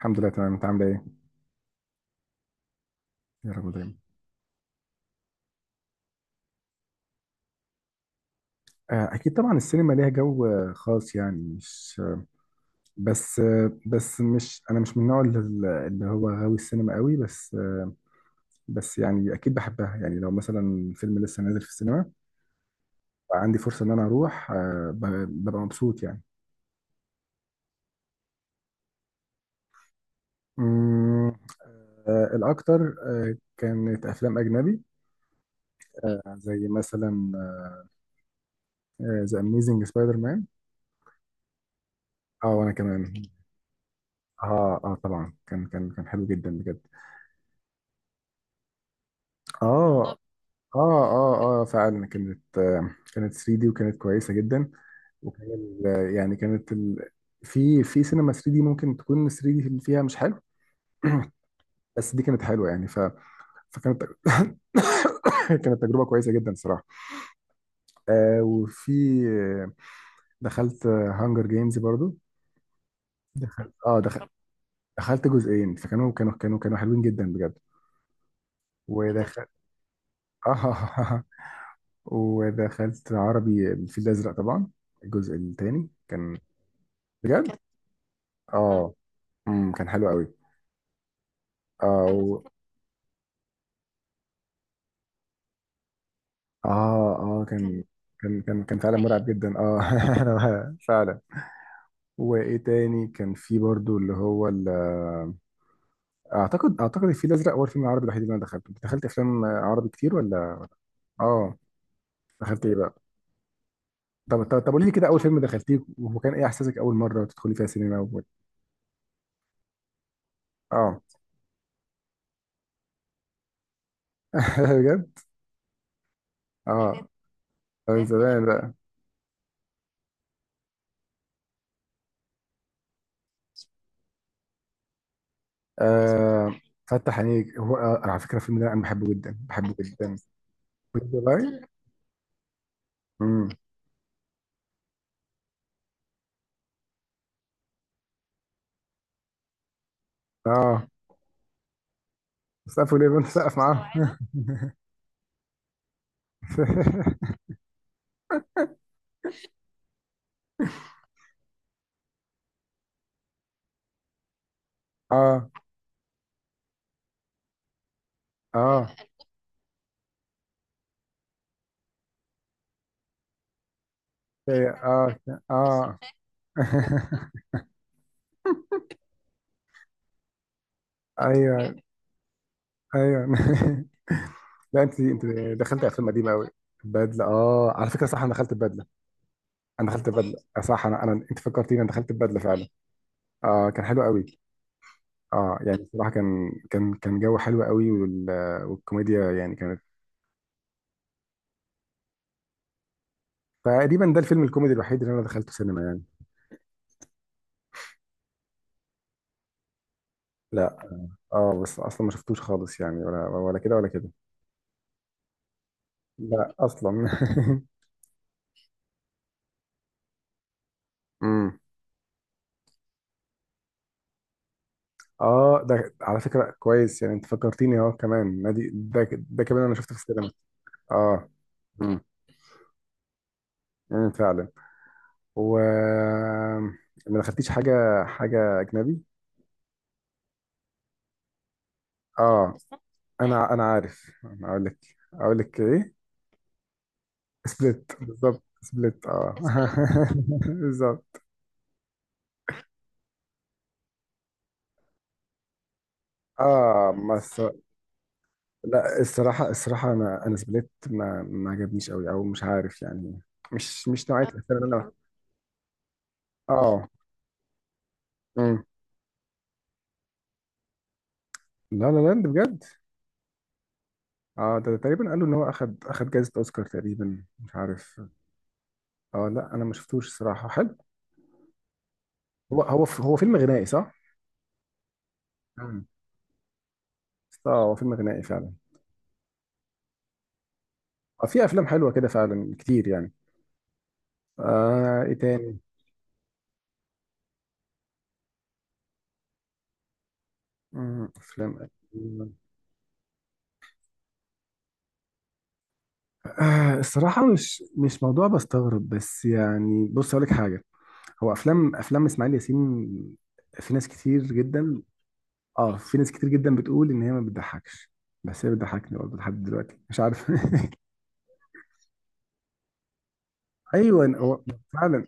الحمد لله، تمام. انت عامله ايه؟ يا رب دايما. اكيد طبعا السينما ليها جو خاص، يعني مش بس بس مش، انا مش من النوع اللي هو غاوي السينما قوي، بس بس يعني اكيد بحبها. يعني لو مثلا فيلم لسه نازل في السينما، عندي فرصه ان انا اروح ببقى مبسوط يعني. مم، الاكتر كانت افلام اجنبي، زي مثلا ذا اميزنج سبايدر مان. اه وانا كمان. اه، اه، طبعا كان حلو جدا بجد. اه، اه، اه، اه، فعلا كانت، كانت 3 دي وكانت كويسه جدا. يعني في سينما 3 دي ممكن تكون 3 دي اللي فيها مش حلو. بس دي كانت حلوه، فكانت كانت تجربه كويسه جدا صراحه. وفي آه، دخلت هانجر جيمز برضو. دخلت دخلت جزئين، فكانوا كانوا حلوين جدا بجد. ودخلت، اه، ودخلت عربي الفيل الازرق طبعا. الجزء الثاني كان بجد، اه، كان حلو قوي. اه كان و... اه، اه، كان فعلا رايق، مرعب جدا، اه. أنا فعلا. وايه تاني؟ كان في برضو اللي هو اعتقد الفيل الازرق هو الفيلم العربي الوحيد اللي انا دخلته. انت دخلت افلام عربي كتير ولا؟ اه دخلت ايه بقى؟ طب قولي لي كده، اول فيلم دخلتيه وكان ايه احساسك اول مره تدخلي فيها سينما و... اه. بجد. اه، كانت من كانت زمان بقى، مسرح. آه تحرير فتح عينيك. هو على فكره الفيلم ده انا بحبه جدا، بحبه جدا. بجد والله أصلا. امم. اه، سقفوا ليه؟ بنت سقف معاهم. مستوعبة. اه، اه، أنا كنت هي كده، اه، مش، اه. شايفاك. ايوه. ايوه. لا، انت دخلت افلام قديمه قوي. وبدلة بدله، اه، على فكره صح، انا دخلت ببدله. انا دخلت، صح، ببدله. صح، انا انت فكرتيني، انا دخلت ببدله فعلا. أيوة، اه، كان حلو قوي. اه يعني بصراحه، كان جو حلو قوي. وال... والكوميديا يعني كانت، تقريبا ده الفيلم الكوميدي الوحيد اللي انا دخلته سينما يعني. لا، اه، بس اصلا ما شفتوش خالص يعني، ولا ولا كده ولا كده. لا، اصلا. امم. اه ده على فكره كويس، يعني انت فكرتيني اهو كمان، نادي، ده كمان انا شفته في السينما. اه. امم. امم، فعلا. و، ما دخلتيش حاجه، اجنبي؟ اه، انا عارف، انا اقول لك، اقول لك ايه. سبليت، بالظبط سبليت، اه. بالظبط. اه بس، لا الصراحه، انا سبليت ما عجبنيش قوي، او مش عارف يعني. مش نوعيه الافلام اللي انا. اه. مم. لا لا لاند بجد. اه ده، تقريبا قالوا ان هو اخد جائزة اوسكار تقريبا، مش عارف. اه لا انا ما شفتوش الصراحة، حلو. هو فيلم غنائي صح؟ مم. اه هو فيلم غنائي فعلا. اه في افلام حلوة كده فعلا كتير يعني. آه، ايه تاني؟ مم. افلام قديمة. آه الصراحة، مش موضوع بستغرب، بس يعني بص أقول لك حاجة، هو أفلام، إسماعيل ياسين. في ناس كتير جدا. اه في ناس كتير جدا بتقول ان هي ما بتضحكش، بس هي بتضحكني برضه لحد دلوقتي، مش عارف. ايوه هو، فعلا.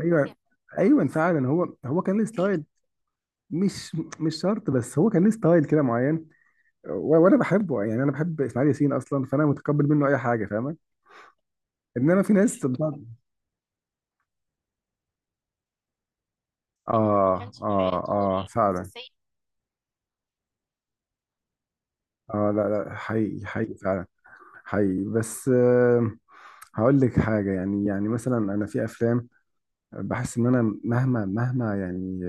ايوه، ايوه، فعلا هو كان ليه ستايل. مش شرط، بس هو كان ليه ستايل كده معين. وانا بحبه يعني، انا بحب اسماعيل ياسين اصلا، فانا متقبل منه اي حاجه، فاهمه. انما في ناس بتقعد. اه، اه، اه، فعلا. اه لا، لا، حقيقي، حقيقي فعلا. حقيقي بس، آه، هقول لك حاجه يعني، مثلا انا في افلام بحس ان انا مهما، مهما يعني.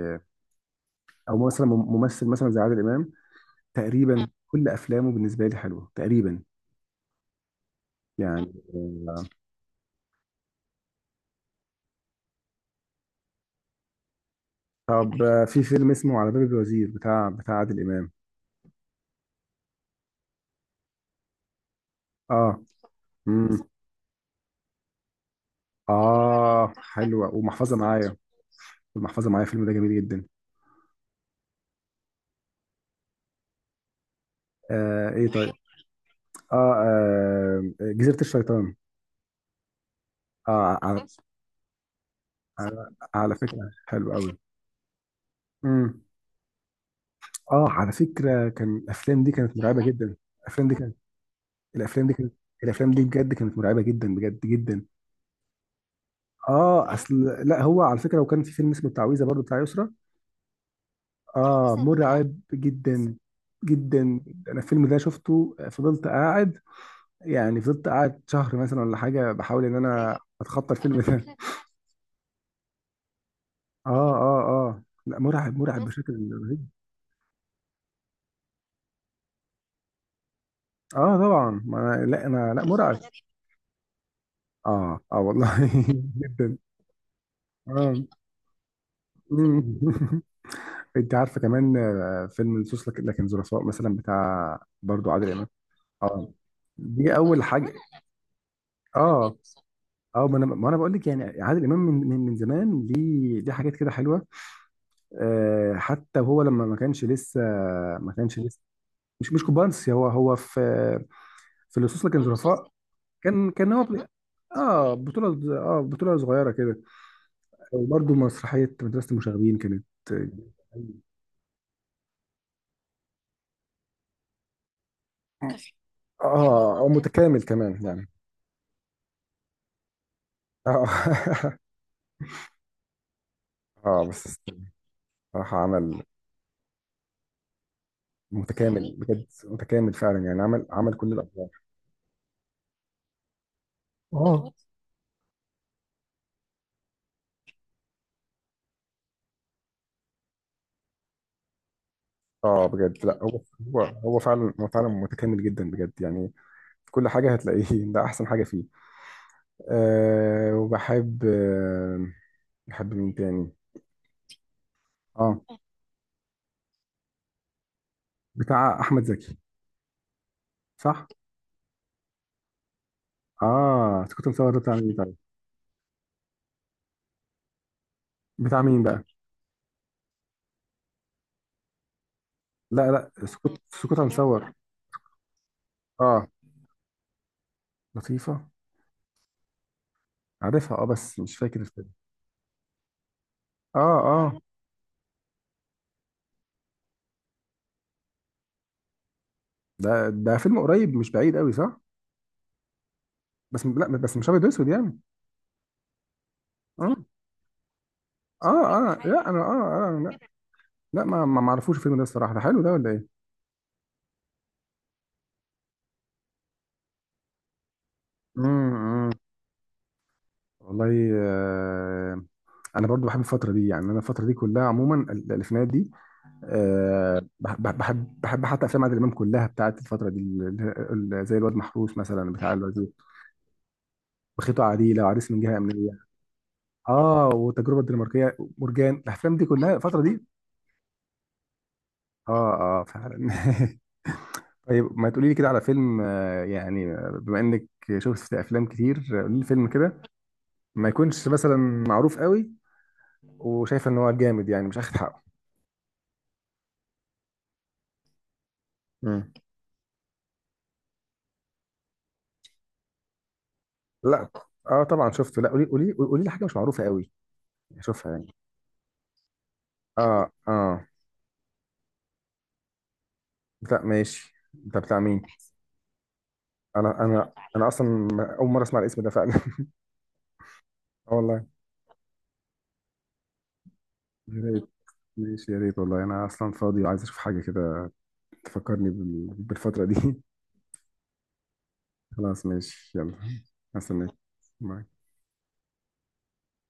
او مثلا ممثل مثلا زي عادل امام، تقريبا كل افلامه بالنسبه لي حلوه تقريبا يعني. طب في فيلم اسمه على باب الوزير بتاع، عادل امام. اه. امم. اه حلوه ومحفظه معايا. المحفظه معايا، الفيلم ده جميل جدا. آه، ايه طيب. اه، جزيره الشيطان. اه، على على, على فكره، حلو قوي. امم. اه على فكره كان الافلام دي كانت مرعبه جدا. الافلام دي كانت، الافلام دي كانت، الافلام دي بجد كانت مرعبه جدا بجد جدا. اه اصل لا هو على فكره، وكان في فيلم اسمه التعويذه برضو بتاع يسرا. اه مرعب جدا، جدا. انا الفيلم ده شفته، فضلت قاعد، يعني فضلت قاعد شهر مثلا ولا حاجه بحاول ان انا اتخطى الفيلم ده. اه، اه، اه لا، مرعب، مرعب بشكل رهيب. اه طبعا، ما أنا لا، انا لا مرعب. اه، اه، والله جدا. اه غريب. انت عارفه كمان فيلم لصوص لكن ظرفاء مثلا بتاع برضو عادل امام. اه دي اول حاجه. اه. اه ما انا بقول لك، يعني عادل امام من زمان ليه، حاجات كده حلوه. آه حتى وهو لما ما كانش لسه، ما كانش لسه، مش كوبانس، هو في، في لصوص لكن ظرفاء. كان هو، اه بطوله، بطوله صغيره كده. وبرضو مسرحيه مدرسه المشاغبين كانت، اه، متكامل كمان يعني. اه، اه بس صراحة عمل متكامل بجد، متكامل فعلا يعني، عمل كل الأدوار. اه، اه بجد، لا هو، هو فعلا، هو فعلا متكامل جدا بجد يعني، في كل حاجة هتلاقيه. ده أحسن حاجة فيه. أه وبحب، أه، بحب مين تاني؟ اه بتاع أحمد زكي صح؟ اه سكوت مصور ده بتاع مين طيب؟ بتاع مين بقى؟ لا، لا، سكوت مصور. اه لطيفة. عارفها، اه بس مش فاكر الفيلم. اه، اه، ده فيلم قريب، مش بعيد قوي صح؟ بس لا، بس مش ابيض واسود يعني. اه، اه، اه لا انا، اه، اه، لا، لا، ما اعرفوش الفيلم ده الصراحه، ده حلو ده ولا ايه؟ امم. والله، آه، انا برضو بحب الفتره دي يعني، انا الفتره دي كلها عموما الالفينات دي. بحب حتى افلام عادل امام كلها بتاعت الفتره دي زي الواد محروس مثلا بتاع الوزير، وخيطه عديله، وعريس من جهه امنيه. اه والتجربه الدنماركيه، مرجان، الافلام دي كلها الفتره دي. اه، اه، فعلا. طيب ما تقولي لي كده على فيلم، يعني بما انك شفت افلام كتير، قولي لي فيلم كده ما يكونش مثلا معروف قوي، وشايفه ان هو جامد يعني مش اخد حقه. مم. لا. اه طبعا شفته. لا قولي، قولي لي حاجه مش معروفه قوي اشوفها يعني. اه، اه لا، ماشي، ده بتاع مين؟ انا اصلا اول مره اسمع الاسم ده فعلا. اه والله. يا ريت، ماشي يا ريت والله، انا اصلا فاضي وعايز اشوف حاجه كده تفكرني بالفتره دي. خلاص، ماشي، يلا. هستناك.